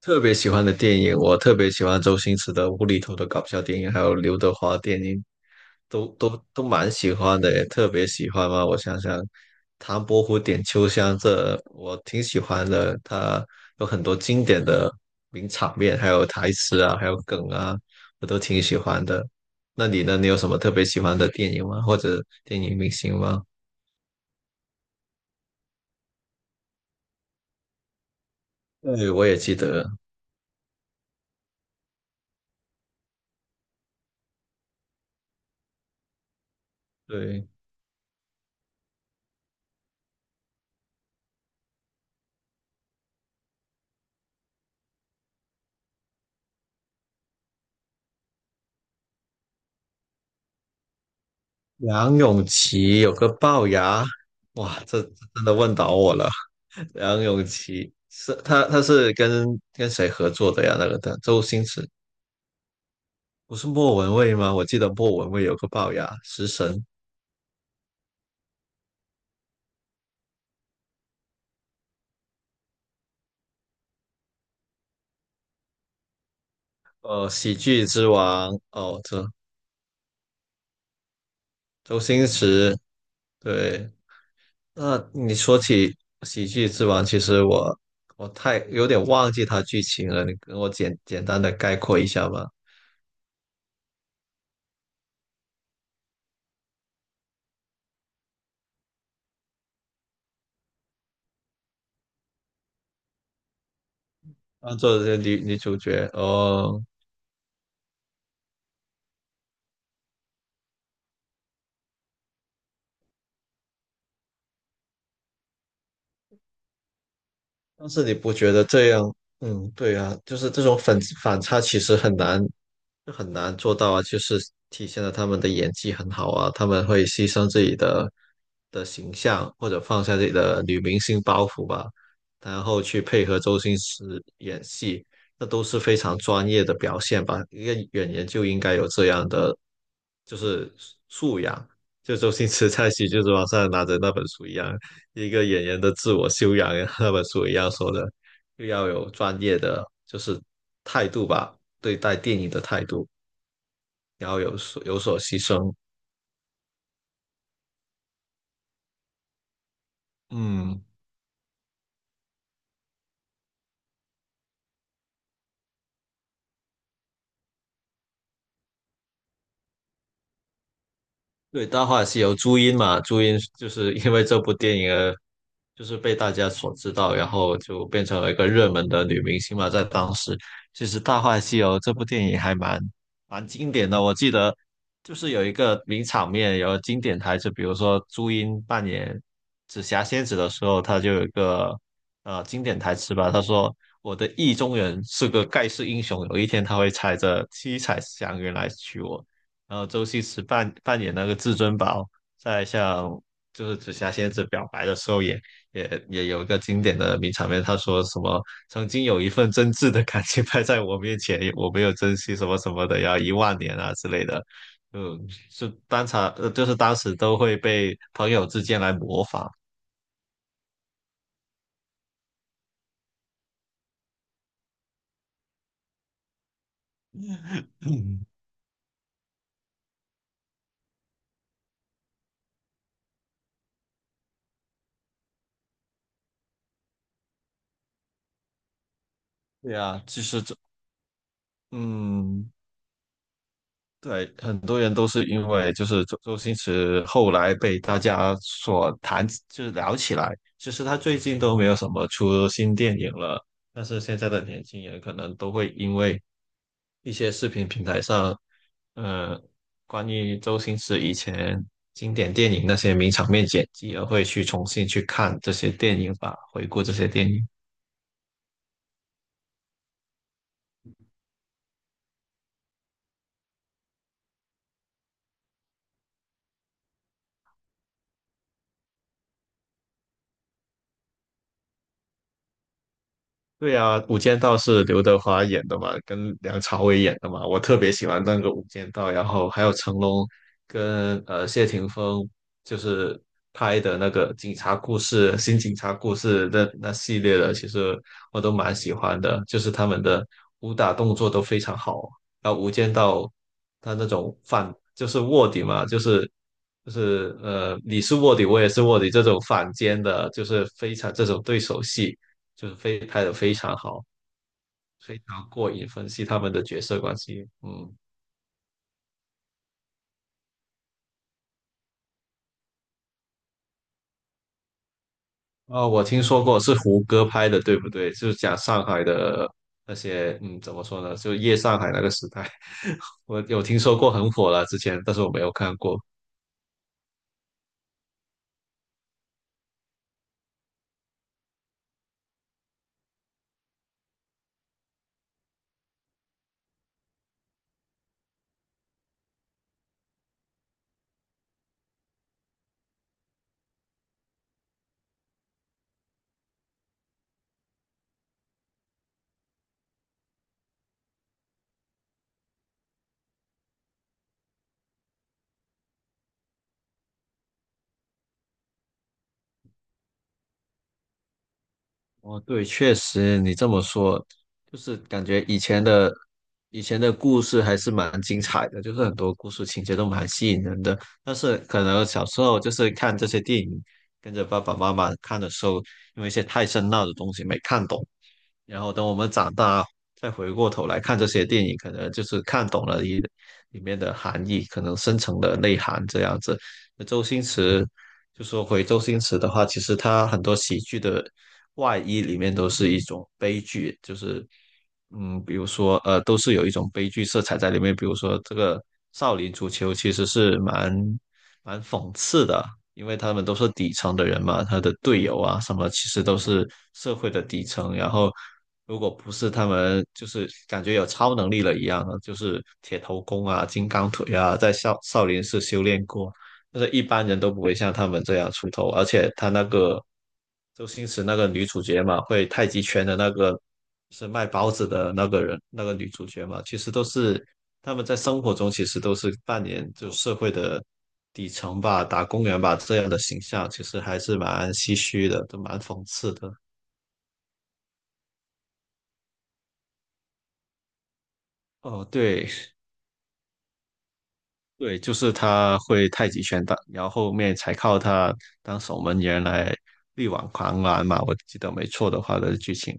特别喜欢的电影，我特别喜欢周星驰的无厘头的搞笑电影，还有刘德华电影，都蛮喜欢的，特别喜欢嘛。我想想，《唐伯虎点秋香》这我挺喜欢的，它有很多经典的名场面，还有台词啊，还有梗啊，我都挺喜欢的。那你呢？你有什么特别喜欢的电影吗？或者电影明星吗？对，我也记得，对。梁咏琪有个龅牙，哇，这真的问倒我了。梁咏琪是他是跟谁合作的呀？那个的周星驰不是莫文蔚吗？我记得莫文蔚有个龅牙，食神，喜剧之王。哦，这周星驰，对。那你说起喜剧之王，其实我太有点忘记他剧情了，你跟我简简单的概括一下吧。当做这女主角哦。但是你不觉得这样？嗯，对啊，就是这种反差其实很难，这很难做到啊，就是体现了他们的演技很好啊，他们会牺牲自己的形象，或者放下自己的女明星包袱吧，然后去配合周星驰演戏，那都是非常专业的表现吧。一个演员就应该有这样的就是素养，就周星驰在喜就是王上拿着那本书一样，一个演员的自我修养那本书一样说的，又要有专业的就是态度吧。对待电影的态度，然后有所牺牲。嗯，对，《大话西游》朱茵嘛，朱茵就是因为这部电影而就是被大家所知道，然后就变成了一个热门的女明星嘛。在当时，其实《大话西游》这部电影还蛮经典的。我记得就是有一个名场面，有经典台词，比如说朱茵扮演紫霞仙子的时候，她就有一个经典台词吧，她说：“我的意中人是个盖世英雄，有一天他会踩着七彩祥云来娶我。”然后周星驰扮演那个至尊宝，在向就是紫霞仙子表白的时候也有一个经典的名场面，他说什么“曾经有一份真挚的感情摆在我面前，我没有珍惜什么什么的，要一万年啊之类的”，嗯，是当场就是当时都会被朋友之间来模仿，对啊，就是这嗯，对，很多人都是因为就是周星驰后来被大家所谈，就是聊起来。其实他最近都没有什么出新电影了，但是现在的年轻人可能都会因为一些视频平台上，呃，关于周星驰以前经典电影那些名场面剪辑，而会去重新去看这些电影吧，回顾这些电影。对啊，《无间道》是刘德华演的嘛，跟梁朝伟演的嘛，我特别喜欢那个《无间道》，然后还有成龙跟谢霆锋就是拍的那个警察故事、新警察故事那系列的，其实我都蛮喜欢的，就是他们的武打动作都非常好。然后《无间道》他那种反就是卧底嘛，就是你是卧底，我也是卧底这种反间的，就是非常这种对手戏。就是非拍的非常好，非常过瘾，分析他们的角色关系。嗯，哦，我听说过是胡歌拍的，对不对？就是讲上海的那些，嗯，怎么说呢？就夜上海那个时代，我有听说过很火了之前，但是我没有看过。哦，对，确实你这么说，就是感觉以前的故事还是蛮精彩的，就是很多故事情节都蛮吸引人的。但是可能小时候就是看这些电影，跟着爸爸妈妈看的时候，因为一些太深奥的东西没看懂，然后等我们长大再回过头来看这些电影，可能就是看懂了里面的含义，可能深层的内涵这样子。那周星驰。就说回周星驰的话，其实他很多喜剧的外衣里面都是一种悲剧，就是嗯，比如说都是有一种悲剧色彩在里面。比如说这个《少林足球》其实是蛮讽刺的，因为他们都是底层的人嘛，他的队友啊什么，其实都是社会的底层。然后如果不是他们，就是感觉有超能力了一样的，就是铁头功啊、金刚腿啊，在少林寺修炼过。就是一般人都不会像他们这样出头，而且他那个周星驰那个女主角嘛，会太极拳的那个是卖包子的那个人，那个女主角嘛，其实都是他们在生活中其实都是扮演就社会的底层吧、打工人吧这样的形象，其实还是蛮唏嘘的，都蛮讽刺的。哦，对对，就是他会太极拳打，然后后面才靠他当守门员来力挽狂澜嘛，我记得没错的话的剧情。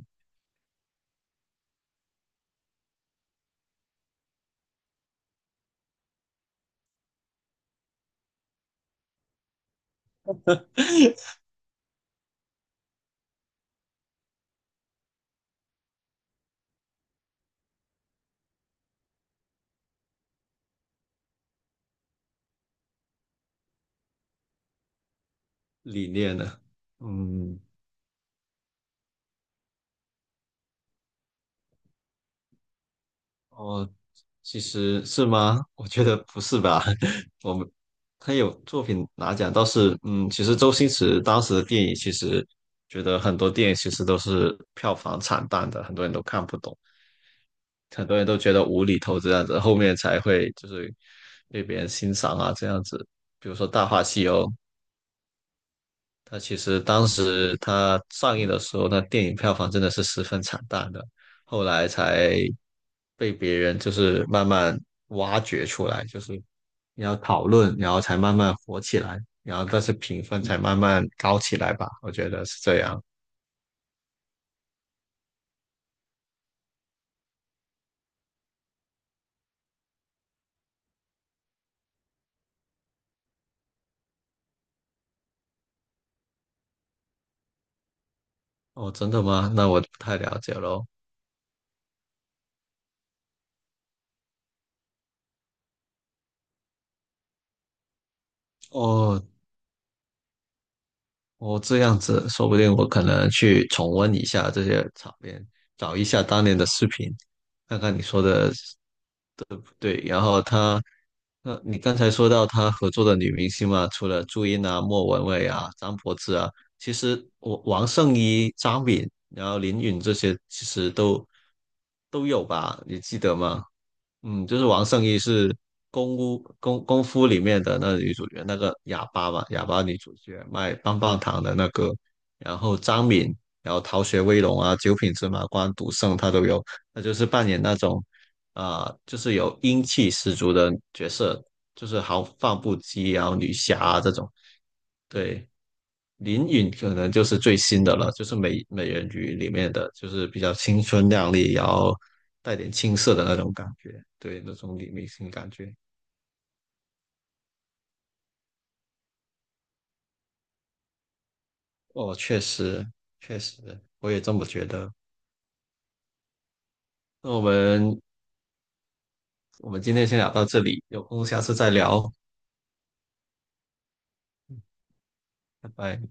理念呢？嗯，哦，其实是吗？我觉得不是吧。我们他有作品拿奖，倒是嗯，其实周星驰当时的电影，其实觉得很多电影其实都是票房惨淡的，很多人都看不懂，很多人都觉得无厘头这样子，后面才会就是被别人欣赏啊这样子。比如说《大话西游》，它其实当时它上映的时候，那电影票房真的是十分惨淡的，后来才被别人就是慢慢挖掘出来，就是你要讨论，然后才慢慢火起来，然后但是评分才慢慢高起来吧，我觉得是这样。哦，真的吗？那我不太了解喽。哦，哦，这样子，说不定我可能去重温一下这些场面，找一下当年的视频，看看你说的对，然后他，你刚才说到他合作的女明星嘛，除了朱茵啊、莫文蔚啊、张柏芝啊，其实我王圣依、张敏，然后林允这些其实都有吧，你记得吗？嗯，就是王圣依是功夫里面的那个女主角，那个哑巴嘛，哑巴女主角卖棒棒糖的那个，然后张敏，然后《逃学威龙》啊，《九品芝麻官》、《赌圣》他都有，她就是扮演那种就是有英气十足的角色，就是豪放不羁啊，然后女侠啊这种。对，林允可能就是最新的了，就是美人鱼里面的，就是比较青春靓丽，然后带点青涩的那种感觉，对，那种女明星感觉。哦，确实，确实，我也这么觉得。那我们今天先聊到这里，有空下次再聊，拜拜。